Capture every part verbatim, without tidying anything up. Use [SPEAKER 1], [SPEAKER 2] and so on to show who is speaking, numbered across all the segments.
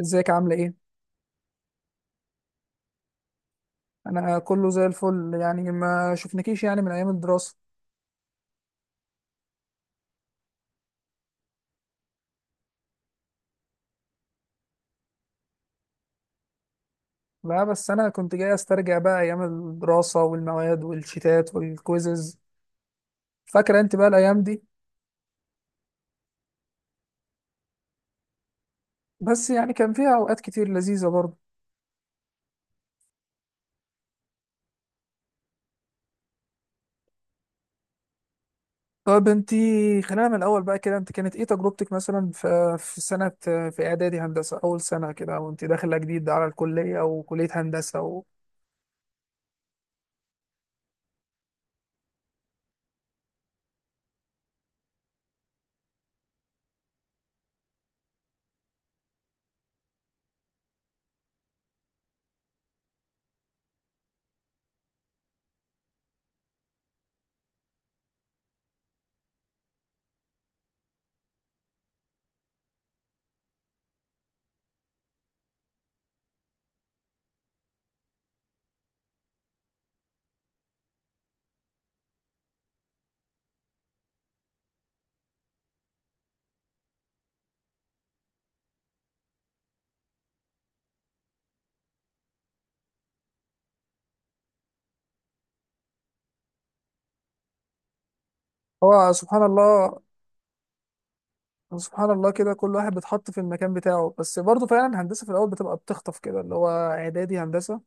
[SPEAKER 1] ازيك عاملة ايه؟ انا كله زي الفل، يعني ما شفنكيش يعني من ايام الدراسة. لا، بس انا كنت جاي استرجع بقى ايام الدراسة والمواد والشتات والكويزز. فاكرة انت بقى الايام دي؟ بس يعني كان فيها اوقات كتير لذيذة برضه. طب انت، خلينا من الاول بقى كده، انت كانت ايه تجربتك مثلا في في سنة في اعدادي هندسة، اول سنة كده، وانت داخلة جديد على الكلية، وكلية هندسة. و... هو سبحان الله، سبحان الله، كده كل واحد بيتحط في المكان بتاعه. بس برضه فعلا هندسة في الأول بتبقى بتخطف كده، اللي هو إعدادي هندسة.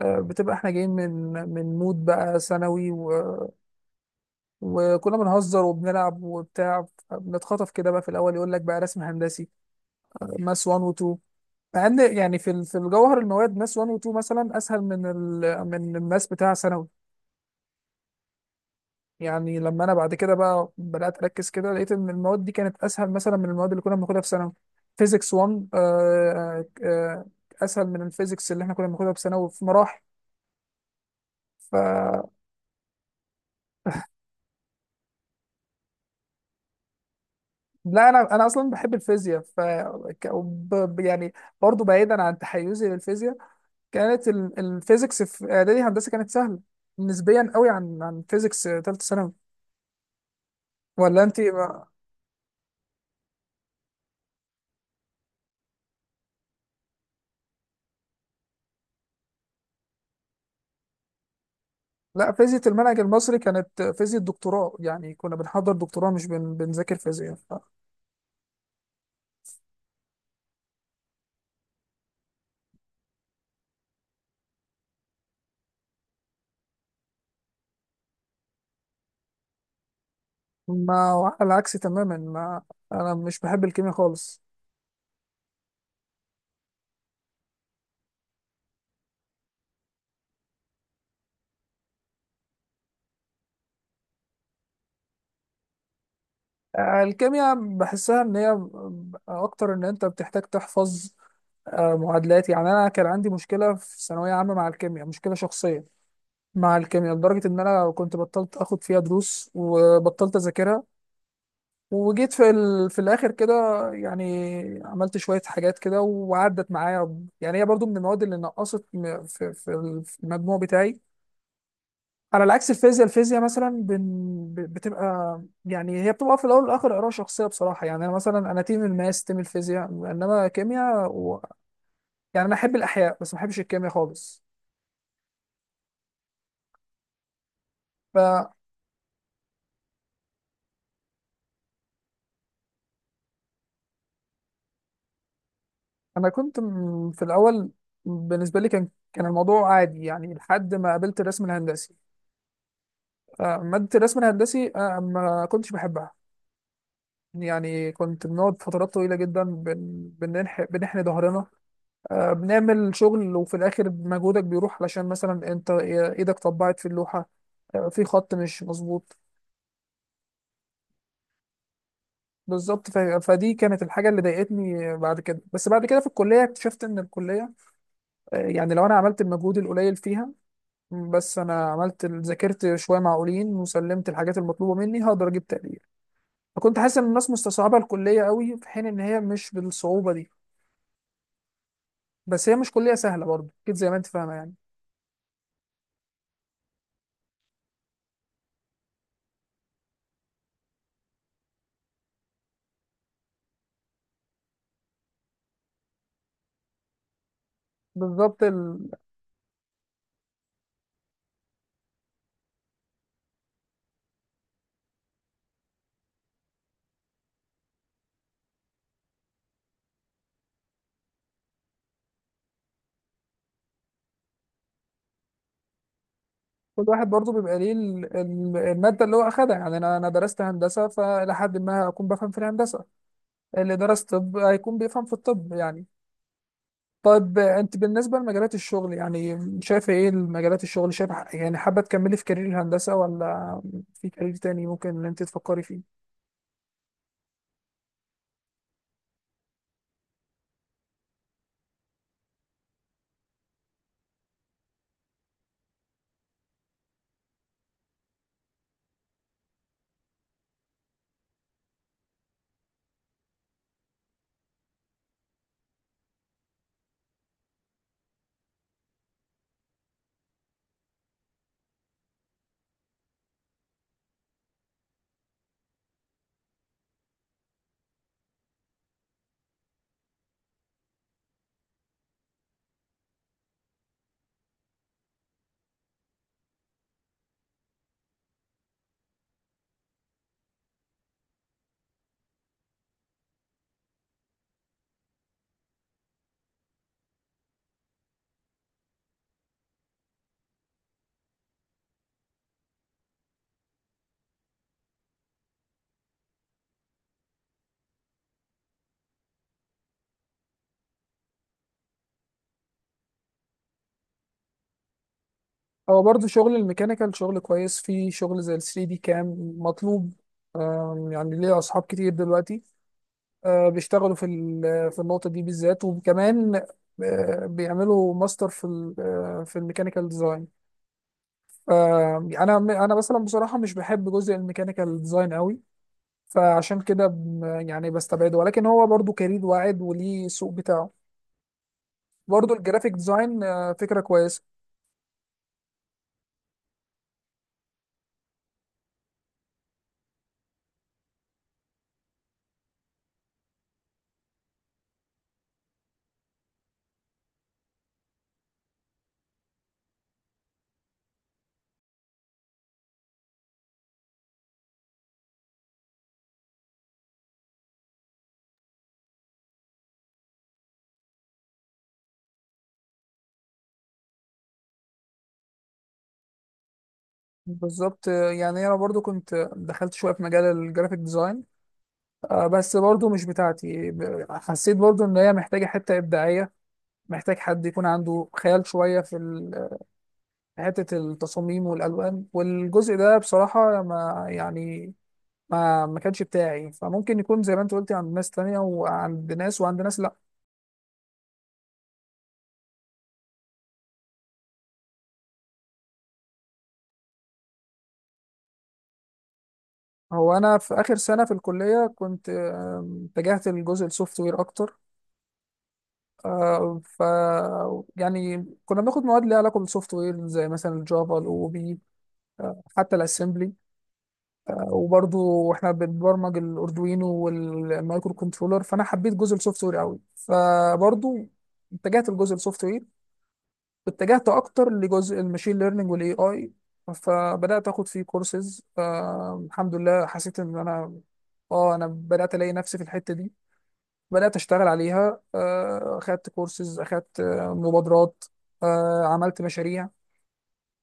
[SPEAKER 1] آه، بتبقى إحنا جايين من من مود بقى ثانوي، و... وكنا بنهزر وبنلعب وبتاع. بنتخطف كده بقى في الأول، يقول لك بقى رسم هندسي، ماس واحد و اتنين. مع إن يعني في ال- في الجوهر المواد ماس واحد و اتنين مثلا أسهل من ال... من الماس بتاع ثانوي. يعني لما انا بعد كده بقى بدات اركز كده لقيت ان المواد دي كانت اسهل مثلا من المواد اللي كنا بناخدها في ثانوي. فيزيكس واحد آه، آه، آه، اسهل من الفيزيكس اللي احنا كنا بناخدها في ثانوي في مراحل. ف لا، انا انا اصلا بحب الفيزياء. ف ك- وب- ب- يعني برضو بعيدا عن تحيزي للفيزياء، كانت ال- الفيزيكس في اعدادي هندسه كانت سهله نسبيا قوي عن عن فيزيكس ثالثه ثانوي. ولا انت ما... لا، فيزياء المنهج المصري كانت فيزياء الدكتوراه، يعني كنا بنحضر دكتوراه مش بن... بنذاكر فيزياء. ما هو على العكس تماما، ما انا مش بحب الكيمياء خالص. آه، الكيمياء بحسها ان هي اكتر ان انت بتحتاج تحفظ آه، معادلات. يعني انا كان عندي مشكله في ثانويه عامه مع الكيمياء، مشكله شخصيه مع الكيمياء، لدرجه ان انا كنت بطلت اخد فيها دروس وبطلت اذاكرها. وجيت في ال... في الاخر كده، يعني عملت شويه حاجات كده وعدت معايا. يعني هي برضو من المواد اللي نقصت م- في في المجموع بتاعي. على العكس الفيزياء، الفيزياء مثلا بن... ب- بتبقى، يعني هي بتبقى في الاول والاخر اراء شخصيه بصراحه. يعني انا مثلا انا تيم الماس، تيم الفيزياء، انما كيمياء، و... يعني انا احب الاحياء بس ما احبش الكيمياء خالص. فانا كنت م- في الاول، بالنسبه لي كان كان الموضوع عادي يعني لحد ما قابلت الرسم الهندسي. آه، ماده الرسم الهندسي آه، ما كنتش بحبها، يعني كنت بنقعد فترات طويله جدا بن... بننح... بنحني ظهرنا. آه، بنعمل شغل، وفي الاخر مجهودك بيروح علشان مثلا انت ايدك طبعت في اللوحة، آه، في خط مش مظبوط. بالظبط، ف- فدي كانت الحاجة اللي ضايقتني. بعد كده، بس بعد كده في الكلية اكتشفت ان الكلية، آه، يعني لو انا عملت المجهود القليل فيها، بس انا عملت، ذاكرت شوية معقولين وسلمت الحاجات المطلوبة مني، هقدر اجيب تقدير. فكنت حاسس ان الناس مستصعبة الكلية قوي، في حين ان هي مش بالصعوبة دي. بس هي مش كلية سهلة برضه اكيد زي ما انت فاهمة يعني. بالظبط، كل واحد برضه بيبقى ليه ال- ال- المادة اللي هو أخدها. يعني أنا أنا درست هندسة، فلحد ما أكون بفهم في الهندسة، اللي درس طب هيكون بيفهم في الطب يعني. طيب أنت بالنسبة لمجالات الشغل، يعني شايفة إيه المجالات الشغل؟ شايفة يعني حابة تكملي في كارير الهندسة، ولا في كارير تاني ممكن إن أنت تفكري فيه؟ هو برضه شغل الميكانيكال شغل كويس، في شغل زي ال ثري دي كام مطلوب. آم، يعني ليه أصحاب كتير دلوقتي آه، بيشتغلوا في ال- في النقطة دي بالذات، وكمان آه، بيعملوا ماستر في ال- آه، في الميكانيكال ديزاين. فأنا، أنا مثلا بصراحة مش بحب جزء الميكانيكال ديزاين قوي، فعشان كده ب- يعني بستبعده. ولكن هو برضو كارير واعد وليه السوق بتاعه. برضو الجرافيك ديزاين آه، فكرة كويسة. بالظبط، آه، يعني أنا برضو كنت دخلت شوية في مجال الجرافيك ديزاين، آه، بس برضو مش بتاعتي. ب- حسيت برضو إن هي محتاجة حتة إبداعية، محتاج حد يكون عنده خيال شوية في حتة التصاميم والألوان والجزء ده بصراحة، ما يعني، ما ما كانش بتاعي. فممكن يكون زي ما انت قلتي عند ناس تانية وعند ناس، وعند ناس لا. هو أنا في آخر سنة في الكلية كنت، آم، اتجهت للجزء السوفت وير أكتر. آه، ف يعني كنا بناخد مواد ليها علاقة بالسوفت وير، زي مثلا الجافا الأو بي، آه، حتى الأسمبلي، آه، وبرضو احنا بنبرمج الأردوينو والمايكرو كنترولر. فأنا حبيت جزء السوفت وير قوي، فبرضو اتجهت لجزء السوفت وير، اتجهت اكتر لجزء الماشين ليرنينج والاي اي، فبدات اخد فيه كورسز. الحمد لله حسيت ان انا، اه انا بدات الاقي نفسي في الحته دي، بدات اشتغل عليها. آه، اخدت كورسز، اخدت آه، مبادرات، آه، عملت مشاريع.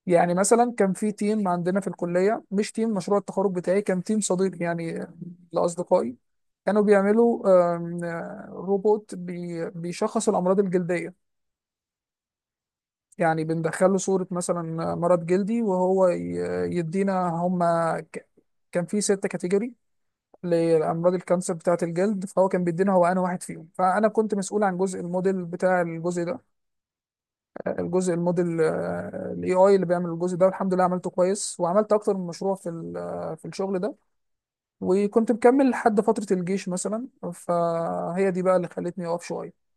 [SPEAKER 1] يعني مثلا كان في تيم عندنا في الكليه، مش تيم مشروع التخرج بتاعي، كان تيم صديق يعني لاصدقائي، كانوا بيعملوا آم، آه، روبوت بي- بيشخص الامراض الجلديه. يعني بندخله صورة مثلا مرض جلدي وهو ي- يدينا هما ك- كان في ستة كاتيجوري لأمراض الكانسر بتاعة الجلد، فهو كان بيدينا هو أنا واحد فيهم. فأنا كنت مسؤول عن جزء الموديل بتاع الجزء ده، الجزء الموديل الاي اي اللي بيعمل الجزء ده. والحمد لله عملته كويس، وعملت أكتر من مشروع في ال- آه، في الشغل ده، وكنت مكمل لحد فترة الجيش مثلا. فهي دي بقى اللي خلتني أقف شوية.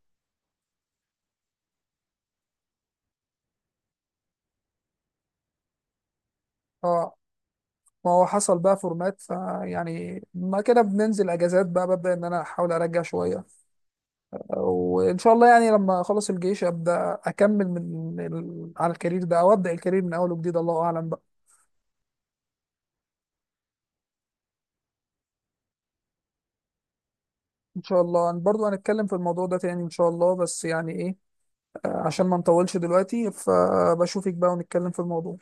[SPEAKER 1] اه، ما هو حصل بقى فورمات، فيعني ما كده بننزل اجازات بقى ببدا ان انا احاول ارجع شويه. وان شاء الله يعني لما اخلص الجيش ابدا اكمل من ال... على الكارير ده، او ابدا الكارير من اول وجديد، الله اعلم بقى. ان شاء الله، أنا برضو هنتكلم في الموضوع ده تاني ان شاء الله، بس يعني ايه، آه، عشان ما نطولش دلوقتي، فبشوفك بقى ونتكلم في الموضوع.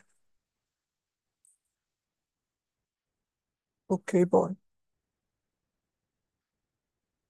[SPEAKER 1] اوكي، باي.